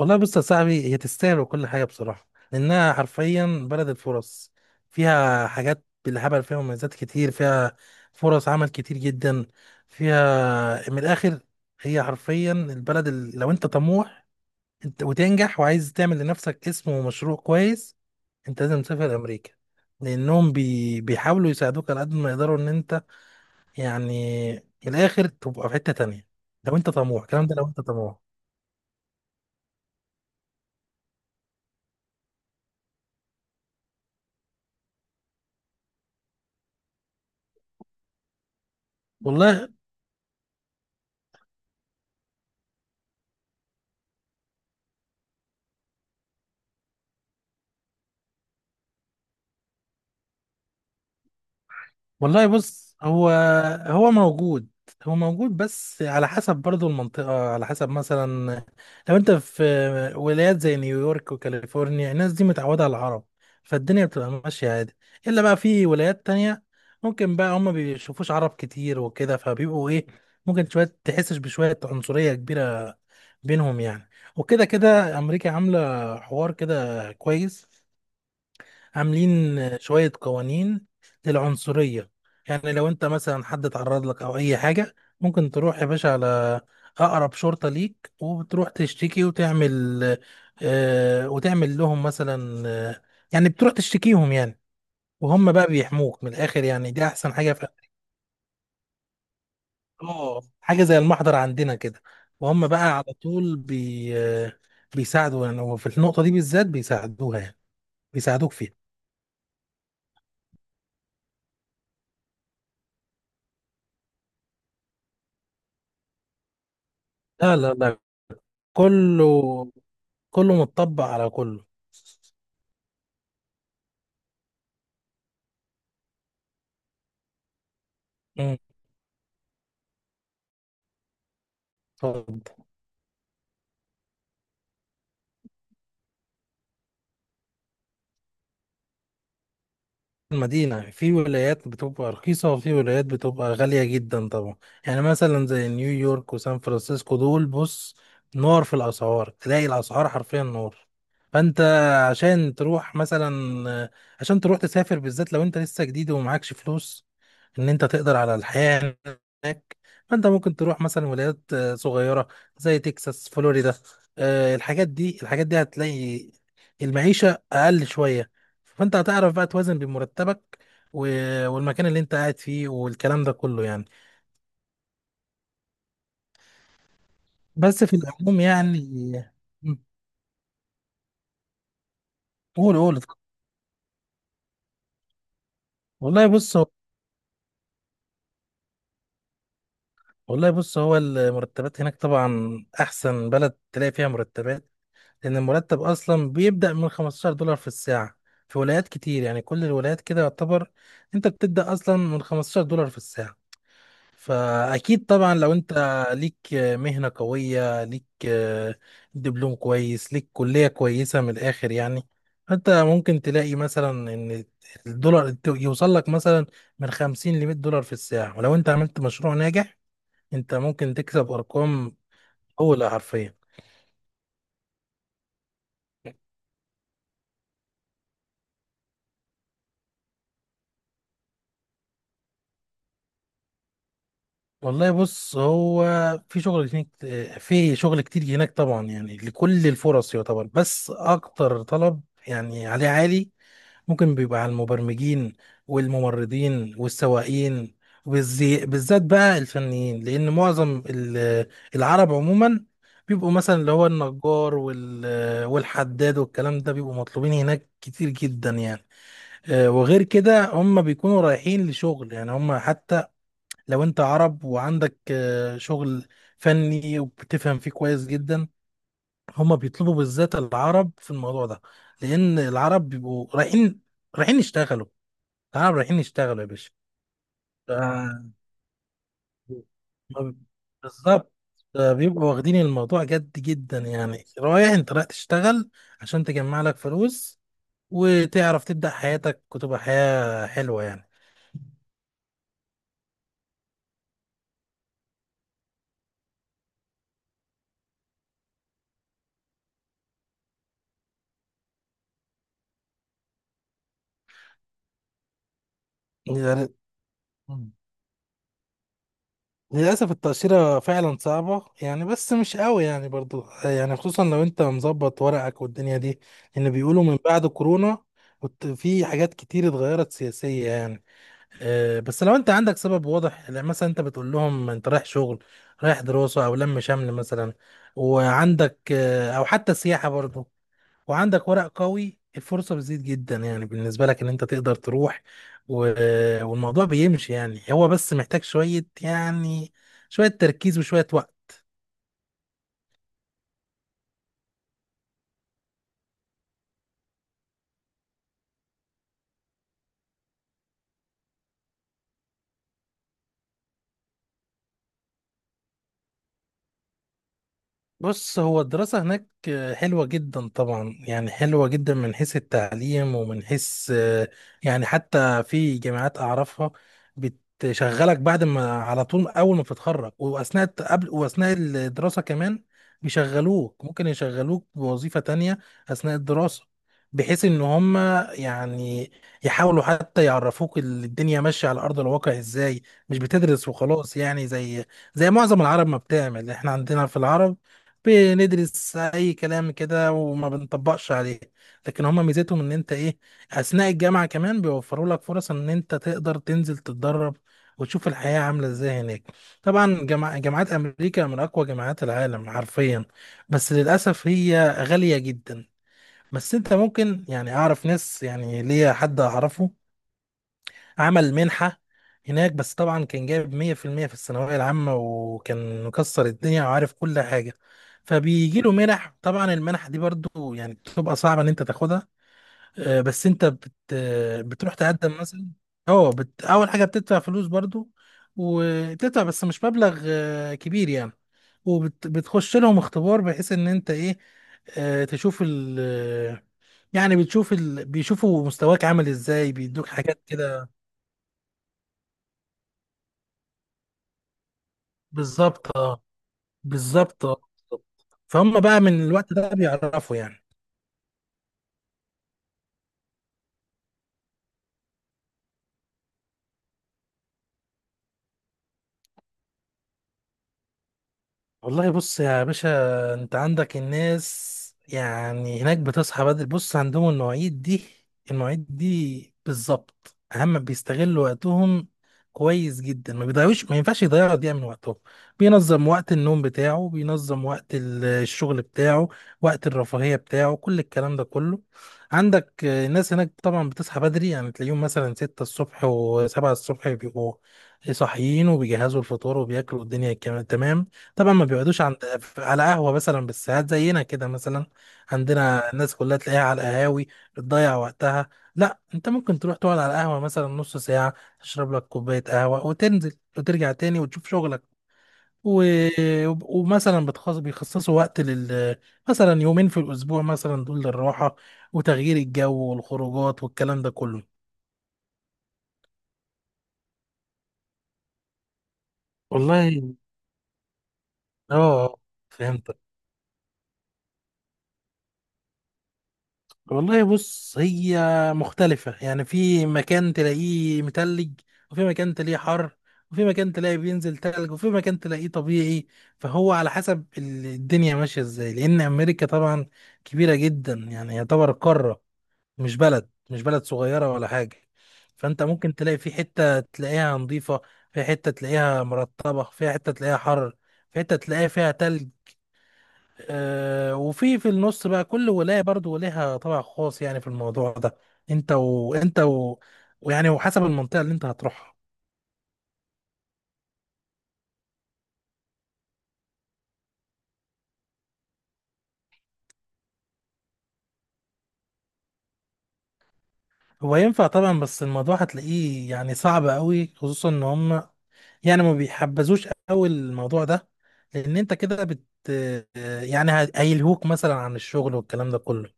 والله بص يا صاحبي، هي تستاهل وكل حاجة بصراحة، لأنها حرفيا بلد الفرص. فيها حاجات بالهبل، فيها مميزات كتير، فيها فرص عمل كتير جدا، فيها من الآخر. هي حرفيا البلد اللي لو أنت طموح أنت وتنجح وعايز تعمل لنفسك اسم ومشروع كويس، أنت لازم تسافر أمريكا. لأنهم بيحاولوا يساعدوك على قد ما يقدروا إن أنت، يعني، من الآخر تبقى في حتة تانية، لو أنت طموح، الكلام ده لو أنت طموح. والله والله بص، هو موجود، بس على حسب برضو المنطقة. على حسب مثلا لو انت في ولايات زي نيويورك وكاليفورنيا، الناس دي متعودة على العرب، فالدنيا بتبقى ماشية عادي. الا بقى في ولايات تانية، ممكن بقى هما بيشوفوش عرب كتير وكده، فبيبقوا ايه، ممكن شوية تحسش بشوية عنصرية كبيرة بينهم يعني. وكده كده امريكا عاملة حوار كده كويس، عاملين شوية قوانين للعنصرية. يعني لو انت مثلا حد اتعرض لك او اي حاجة، ممكن تروح يا باشا على اقرب شرطة ليك، وتروح تشتكي وتعمل آه، وتعمل لهم مثلا يعني بتروح تشتكيهم يعني. وهم بقى بيحموك من الاخر، يعني دي احسن حاجة في. اه، حاجة زي المحضر عندنا كده، وهم بقى على طول بي آه بيساعدوا يعني، وفي النقطة دي بالذات بيساعدوها يعني، بيساعدوك فيها. لا لا لا، كله كله متطبق على كله. مم. طب، المدينة في ولايات بتبقى رخيصة وفي ولايات بتبقى غالية جدا طبعا. يعني مثلا زي نيويورك وسان فرانسيسكو، دول بص، نار في الأسعار، تلاقي الأسعار حرفيا نار. فأنت عشان تروح مثلا، عشان تروح تسافر بالذات لو أنت لسه جديد ومعكش فلوس، إن أنت تقدر على الحياة هناك، فأنت ممكن تروح مثلا ولايات صغيرة زي تكساس، فلوريدا. الحاجات دي، الحاجات دي هتلاقي المعيشة أقل شوية، فانت هتعرف بقى توازن بين مرتبك والمكان اللي انت قاعد فيه والكلام ده كله يعني. بس في العموم يعني. مم. قول قول. والله بص هو والله بص، هو المرتبات هناك طبعا احسن بلد تلاقي فيها مرتبات، لان المرتب اصلا بيبدأ من $15 في الساعة في ولايات كتير، يعني كل الولايات كده يعتبر، انت بتبدأ اصلا من $15 في الساعة. فأكيد طبعا لو أنت ليك مهنة قوية، ليك دبلوم كويس، ليك كلية كويسة، من الآخر يعني أنت ممكن تلاقي مثلا إن الدولار يوصل لك مثلا من 50 ل $100 في الساعة، ولو أنت عملت مشروع ناجح أنت ممكن تكسب أرقام أولى حرفيا. والله بص، هو في شغل هناك، في شغل كتير هناك طبعا، يعني لكل الفرص يعتبر، بس أكتر طلب يعني عليه عالي ممكن بيبقى على المبرمجين والممرضين والسواقين، بالذات بقى الفنيين، لأن معظم العرب عموما بيبقوا مثلا اللي هو النجار والحداد والكلام ده بيبقوا مطلوبين هناك كتير جدا يعني. وغير كده هم بيكونوا رايحين لشغل، يعني هم حتى لو انت عرب وعندك شغل فني وبتفهم فيه كويس جدا، هم بيطلبوا بالذات العرب في الموضوع ده. لأن العرب بيبقوا رايحين، يشتغلوا، تعالوا رايحين يشتغلوا يا باشا. آه، ما- بالظبط. بيبقوا واخدين الموضوع جد جدا يعني، رايح انت رايح تشتغل عشان تجمع لك فلوس، وتعرف تبدأ حياتك وتبقى حياة حلوة يعني. يعني للأسف التأشيرة فعلا صعبة يعني، بس مش قوي يعني برضو يعني، خصوصا لو انت مظبط ورقك والدنيا دي، لأن بيقولوا من بعد كورونا كنت في حاجات كتير اتغيرت سياسية يعني. بس لو انت عندك سبب واضح يعني، مثلا انت بتقول لهم انت رايح شغل، رايح دراسة او لم شمل مثلا، وعندك او حتى سياحة برضه، وعندك ورق قوي، الفرصة بتزيد جدا يعني بالنسبة لك ان انت تقدر تروح. والموضوع بيمشي يعني، هو بس محتاج شوية يعني، شوية تركيز وشوية وقت. بص، هو الدراسة هناك حلوة جدا طبعا يعني، حلوة جدا من حيث التعليم ومن حيث يعني، حتى في جامعات أعرفها بتشغلك بعد ما، على طول أول ما بتتخرج، قبل وأثناء الدراسة كمان بيشغلوك، ممكن يشغلوك بوظيفة تانية أثناء الدراسة، بحيث إن هم يعني يحاولوا حتى يعرفوك الدنيا ماشية على أرض الواقع إزاي، مش بتدرس وخلاص يعني، زي معظم العرب ما بتعمل. إحنا عندنا في العرب بندرس اي كلام كده وما بنطبقش عليه، لكن هما ميزتهم ان انت ايه، اثناء الجامعه كمان بيوفروا لك فرص ان انت تقدر تنزل تتدرب، وتشوف الحياه عامله ازاي هناك. طبعا جامعات امريكا من اقوى جامعات العالم حرفيا، بس للاسف هي غاليه جدا. بس انت ممكن يعني، اعرف ناس يعني، ليا حد اعرفه عمل منحة هناك، بس طبعا كان جايب 100% في المية في الثانوية العامة، وكان مكسر الدنيا وعارف كل حاجة. فبيجي له منح، طبعا المنح دي برضو يعني بتبقى صعبة ان انت تاخدها. بس انت بت آه، بتروح تقدم مثلا. اه، اول حاجة بتدفع فلوس برضو، وبتدفع بس مش مبلغ كبير يعني. وبتخش لهم اختبار بحيث ان انت ايه، آه، تشوف ال يعني بيشوفوا مستواك عامل ازاي، بيدوك حاجات كده. بالظبط آه. بالظبط بالظبط. فهم بقى من الوقت ده بيعرفوا يعني. والله بص يا باشا، انت عندك الناس يعني هناك بتصحى بدري، بص عندهم المواعيد دي، المواعيد دي بالظبط، اهم بيستغلوا وقتهم كويس جدا، ما بيضيعوش، ما ينفعش يضيعوا دقيقة من وقتهم، بينظم وقت النوم بتاعه، بينظم وقت الشغل بتاعه، وقت الرفاهية بتاعه، كل الكلام ده كله. عندك الناس هناك طبعا بتصحى بدري، يعني تلاقيهم مثلا ستة الصبح وسبعة الصبح بيبقوا صاحيين وبيجهزوا الفطار وبياكلوا الدنيا كمان، تمام. طبعا ما بيقعدوش عند، على قهوة مثلا بالساعات زينا كده مثلا، عندنا الناس كلها تلاقيها على القهاوي بتضيع وقتها. لا، انت ممكن تروح تقعد على القهوة مثلا نص ساعة، تشرب لك كوباية قهوة وتنزل وترجع تاني وتشوف شغلك. و... ومثلا بيخصصوا وقت لل، مثلا يومين في الأسبوع مثلا دول للراحة وتغيير الجو والخروجات والكلام ده كله. والله، اه، فهمت. والله بص، هي مختلفة يعني، في مكان تلاقيه متلج، وفي مكان تلاقيه حر، وفي مكان تلاقيه بينزل تلج، وفي مكان تلاقيه طبيعي. فهو على حسب الدنيا ماشية ازاي، لأن أمريكا طبعا كبيرة جدا يعني يعتبر قارة، مش بلد، مش بلد صغيرة ولا حاجة. فأنت ممكن تلاقي في حتة تلاقيها نظيفة، في حتة تلاقيها مرطبة، في حتة تلاقيها حر، في حتة تلاقيها فيها تلج. وفي النص بقى كل ولاية برضو ليها طابع خاص يعني في الموضوع ده، انت وانت و... ويعني وحسب المنطقة اللي انت هتروحها. هو ينفع طبعا، بس الموضوع هتلاقيه يعني صعب قوي، خصوصا ان هم يعني ما بيحبذوش قوي الموضوع ده، لان انت كده بت، آه، يعني هيلهوك مثلا عن الشغل والكلام ده كله.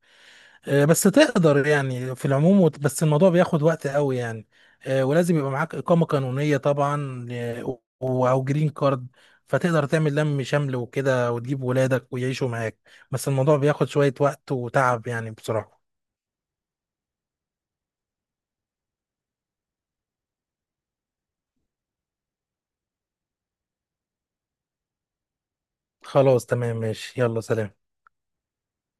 بس تقدر يعني في العموم بس الموضوع بياخد وقت قوي يعني. ولازم يبقى معاك إقامة قانونية طبعا، أو جرين كارد، فتقدر تعمل لم شمل وكده وتجيب ولادك ويعيشوا معاك، بس الموضوع بياخد شوية وقت وتعب يعني بصراحة. خلاص تمام، ماشي، يلا سلام.